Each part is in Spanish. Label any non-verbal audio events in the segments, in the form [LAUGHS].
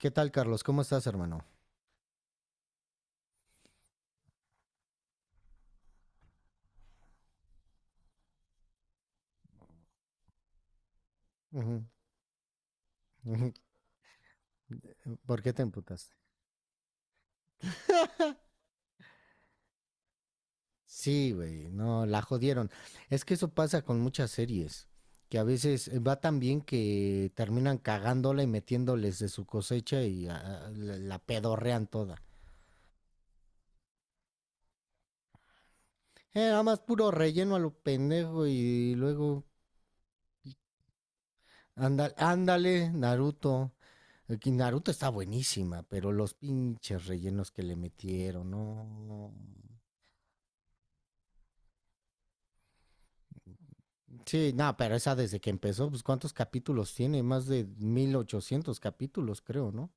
¿Qué tal, Carlos? ¿Cómo estás, hermano? Ujú, ujú. [LAUGHS] ¿Por qué te emputaste? Sí, güey, no, la jodieron. Es que eso pasa con muchas series, que a veces va tan bien que terminan cagándola y metiéndoles de su cosecha y la pedorrean toda. Nada más puro relleno a lo pendejo y luego ándale, Naruto. Que Naruto está buenísima, pero los pinches rellenos que le metieron, no. Sí, no, pero esa desde que empezó, pues ¿cuántos capítulos tiene? Más de 1800 capítulos, creo, ¿no?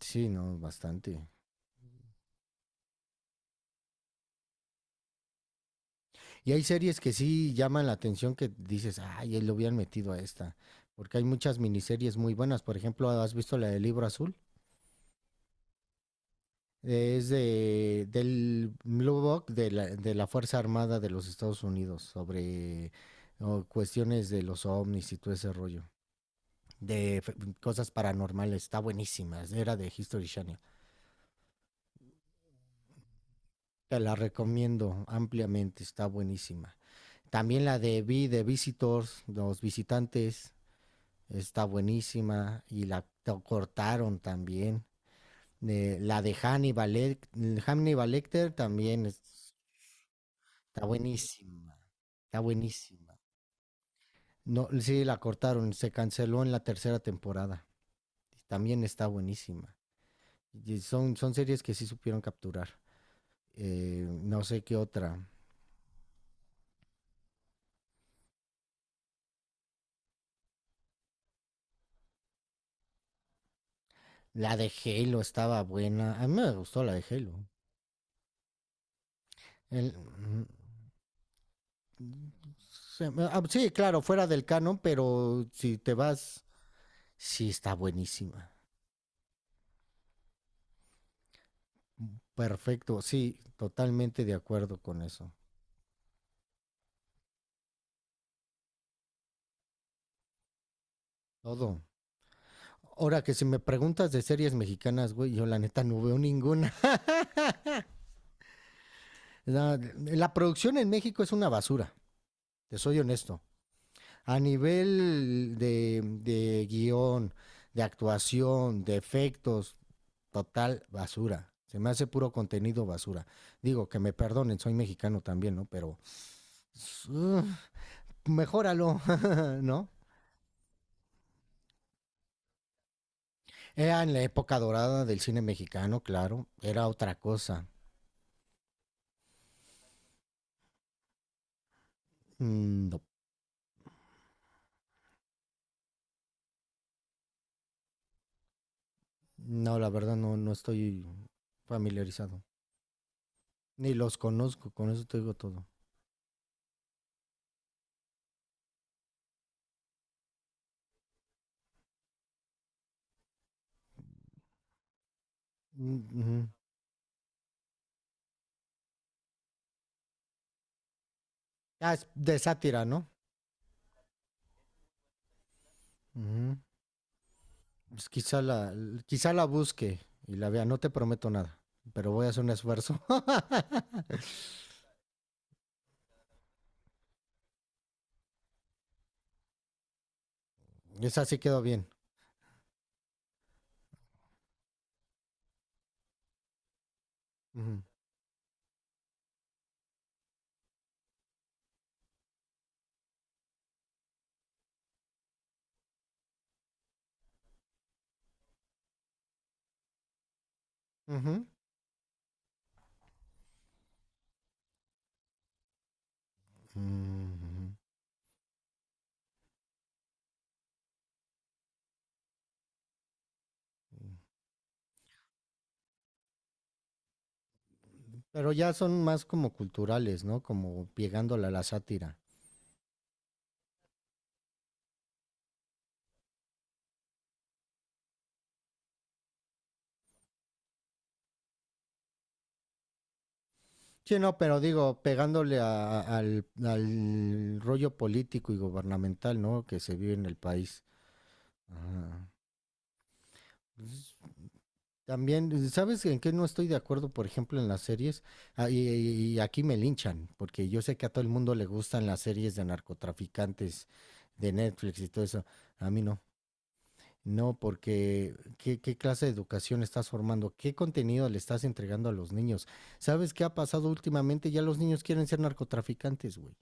Sí, no, bastante. Y hay series que sí llaman la atención que dices, ay, él lo hubieran metido a esta. Porque hay muchas miniseries muy buenas. Por ejemplo, ¿has visto la del Libro Azul? Es del Blue Book de de la Fuerza Armada de los Estados Unidos sobre cuestiones de los ovnis y todo ese rollo. De fe- Cosas paranormales. Está buenísima. Era de History Channel. Te la recomiendo ampliamente, está buenísima. También la de Visitors, los visitantes, está buenísima y cortaron también. La de Hannibal Lecter también está buenísima, está buenísima. No, sí, la cortaron, se canceló en la tercera temporada. También está buenísima. Y son series que sí supieron capturar. No sé qué otra. La de Halo estaba buena. A mí me gustó la de Halo. El- mm, mm, sí, claro, fuera del canon, pero si te vas, sí está buenísima. Perfecto, sí, totalmente de acuerdo con eso. Todo. Ahora que si me preguntas de series mexicanas, güey, yo la neta no veo ninguna. [LAUGHS] La producción en México es una basura, te soy honesto. A nivel de guión, de actuación, de efectos, total basura. Se me hace puro contenido basura. Digo, que me perdonen, soy mexicano también, ¿no? Pero uh, mejóralo, [LAUGHS] ¿no? Era en la época dorada del cine mexicano, claro. Era otra cosa. Mm, no. No, la verdad no, no estoy familiarizado. Ni los conozco, con eso te digo todo. Mm, mm. Ah, es de sátira, ¿no? -hmm. Pues quizá la busque y la vea. No te prometo nada, pero voy a hacer un esfuerzo. [LAUGHS] Esa sí quedó bien. -hmm. Ujú. Mm, ujú. Pero ya son más como culturales, ¿no? Como pegándole a la sátira. Sí, no, pero digo, pegándole al rollo político y gubernamental, ¿no? Que se vive en el país. Ajá. Pues, también, ¿sabes en qué no estoy de acuerdo, por ejemplo, en las series? Ah, y, y aquí me linchan, porque yo sé que a todo el mundo le gustan las series de narcotraficantes de Netflix y todo eso. A mí no. No, porque ¿qué clase de educación estás formando? ¿Qué contenido le estás entregando a los niños? ¿Sabes qué ha pasado últimamente? Ya los niños quieren ser narcotraficantes, güey.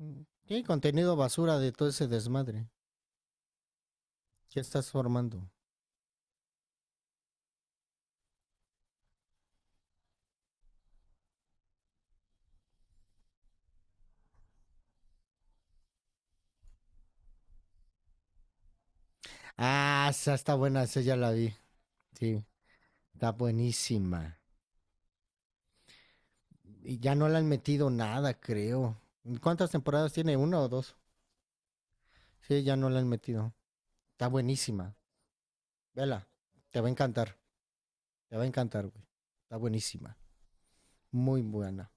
Mm. ¿Qué contenido basura de todo ese desmadre? ¿Qué estás formando? Ah, esa está buena, esa ya la vi. Sí, está buenísima. Y ya no le han metido nada, creo. ¿Cuántas temporadas tiene? ¿Una o dos? Sí, ya no le han metido. Está buenísima. Vela, te va a encantar. Te va a encantar, güey. Está buenísima. Muy buena.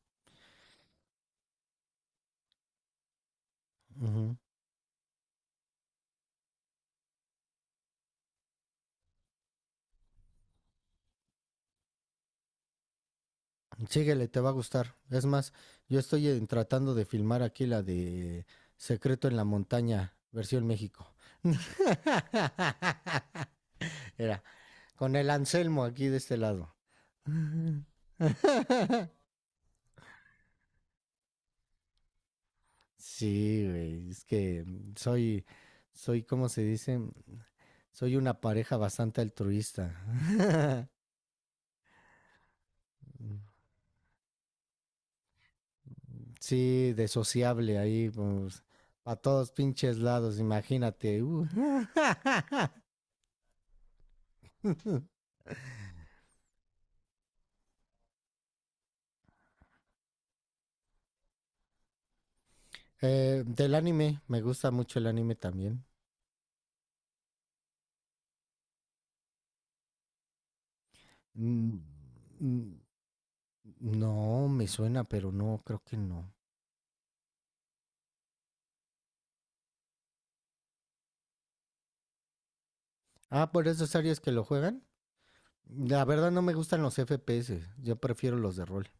Ujú. Síguele, te va a gustar. Es más, yo estoy tratando de filmar aquí la de Secreto en la Montaña, versión México. [LAUGHS] Era, con el Anselmo aquí de este lado. Ujú. Sí, güey, es que soy, soy, ¿cómo se dice? Soy una pareja bastante altruista. [LAUGHS] Sí, de sociable ahí, pues, para todos pinches lados, imagínate. [LAUGHS] Del anime, me gusta mucho el anime también. Mm, mm, No, me suena, pero no, creo que no. Ah, por esos áreas que lo juegan. La verdad no me gustan los FPS, yo prefiero los de rol.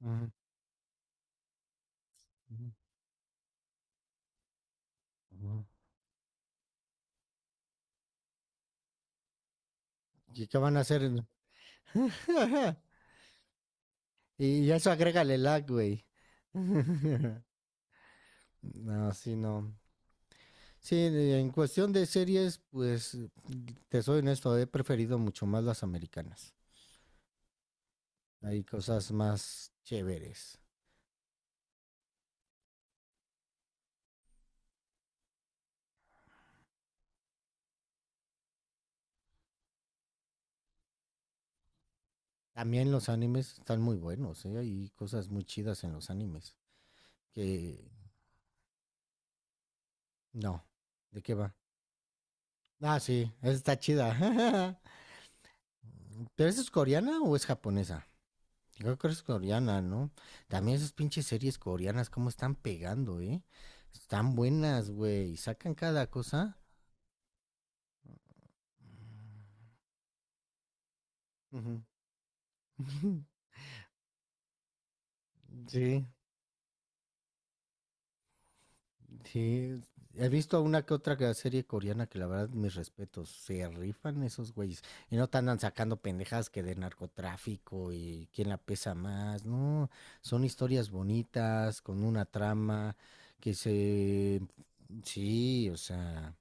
Ujú, ujú, ujú. ¿Y qué van a hacer? [LAUGHS] Y eso agrégale lag, güey. [LAUGHS] No, sí, no. Sí, en cuestión de series, pues te soy honesto, he preferido mucho más las americanas. Hay cosas más chéveres. También los animes están muy buenos, ¿eh? Hay cosas muy chidas en los animes. Que no, ¿de qué va? Ah, sí, esa está chida. [LAUGHS] ¿Pero esa es coreana o es japonesa? Yo creo que es coreana, ¿no? También esas pinches series coreanas, cómo están pegando, ¿eh? Están buenas, güey. Sacan cada cosa. Ujú. [LAUGHS] Sí. Sí, he visto una que otra serie coreana que la verdad, mis respetos, se rifan esos güeyes. Y no te andan sacando pendejadas que de narcotráfico y quién la pesa más, no. Son historias bonitas, con una trama que se... Sí, o sea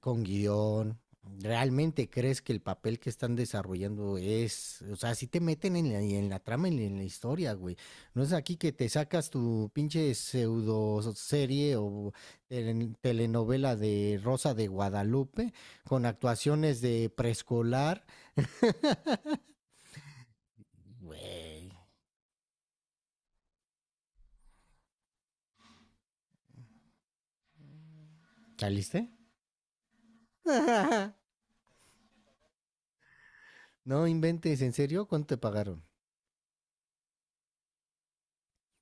con guión. ¿Realmente crees que el papel que están desarrollando es, o sea, si te meten en la trama, en la historia, güey? No es aquí que te sacas tu pinche pseudo serie o telenovela de Rosa de Guadalupe con actuaciones de preescolar. Güey, ¿saliste? [LAUGHS] No inventes, ¿en serio? ¿Cuánto te pagaron?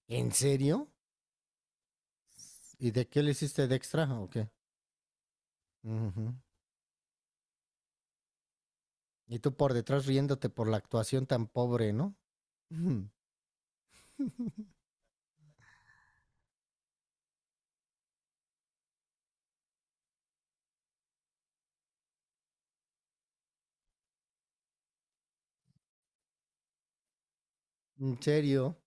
¿En serio? ¿Y de qué le hiciste de extra o qué? Ujú. Y tú por detrás riéndote por la actuación tan pobre, ¿no? Mm. En serio.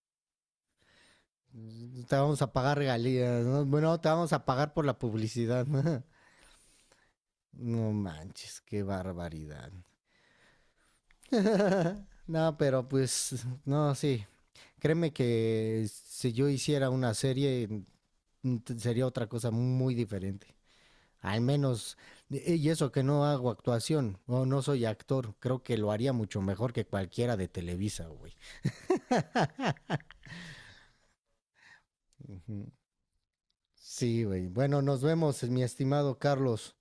Te vamos a pagar regalías, ¿no? Bueno, te vamos a pagar por la publicidad. [LAUGHS] No manches, qué barbaridad. [LAUGHS] No, pero pues, no, sí. Créeme que si yo hiciera una serie, sería otra cosa muy diferente. Al menos, y eso que no hago actuación, o no soy actor, creo que lo haría mucho mejor que cualquiera de Televisa, güey. Ujú. Sí, güey. Bueno, nos vemos, mi estimado Carlos.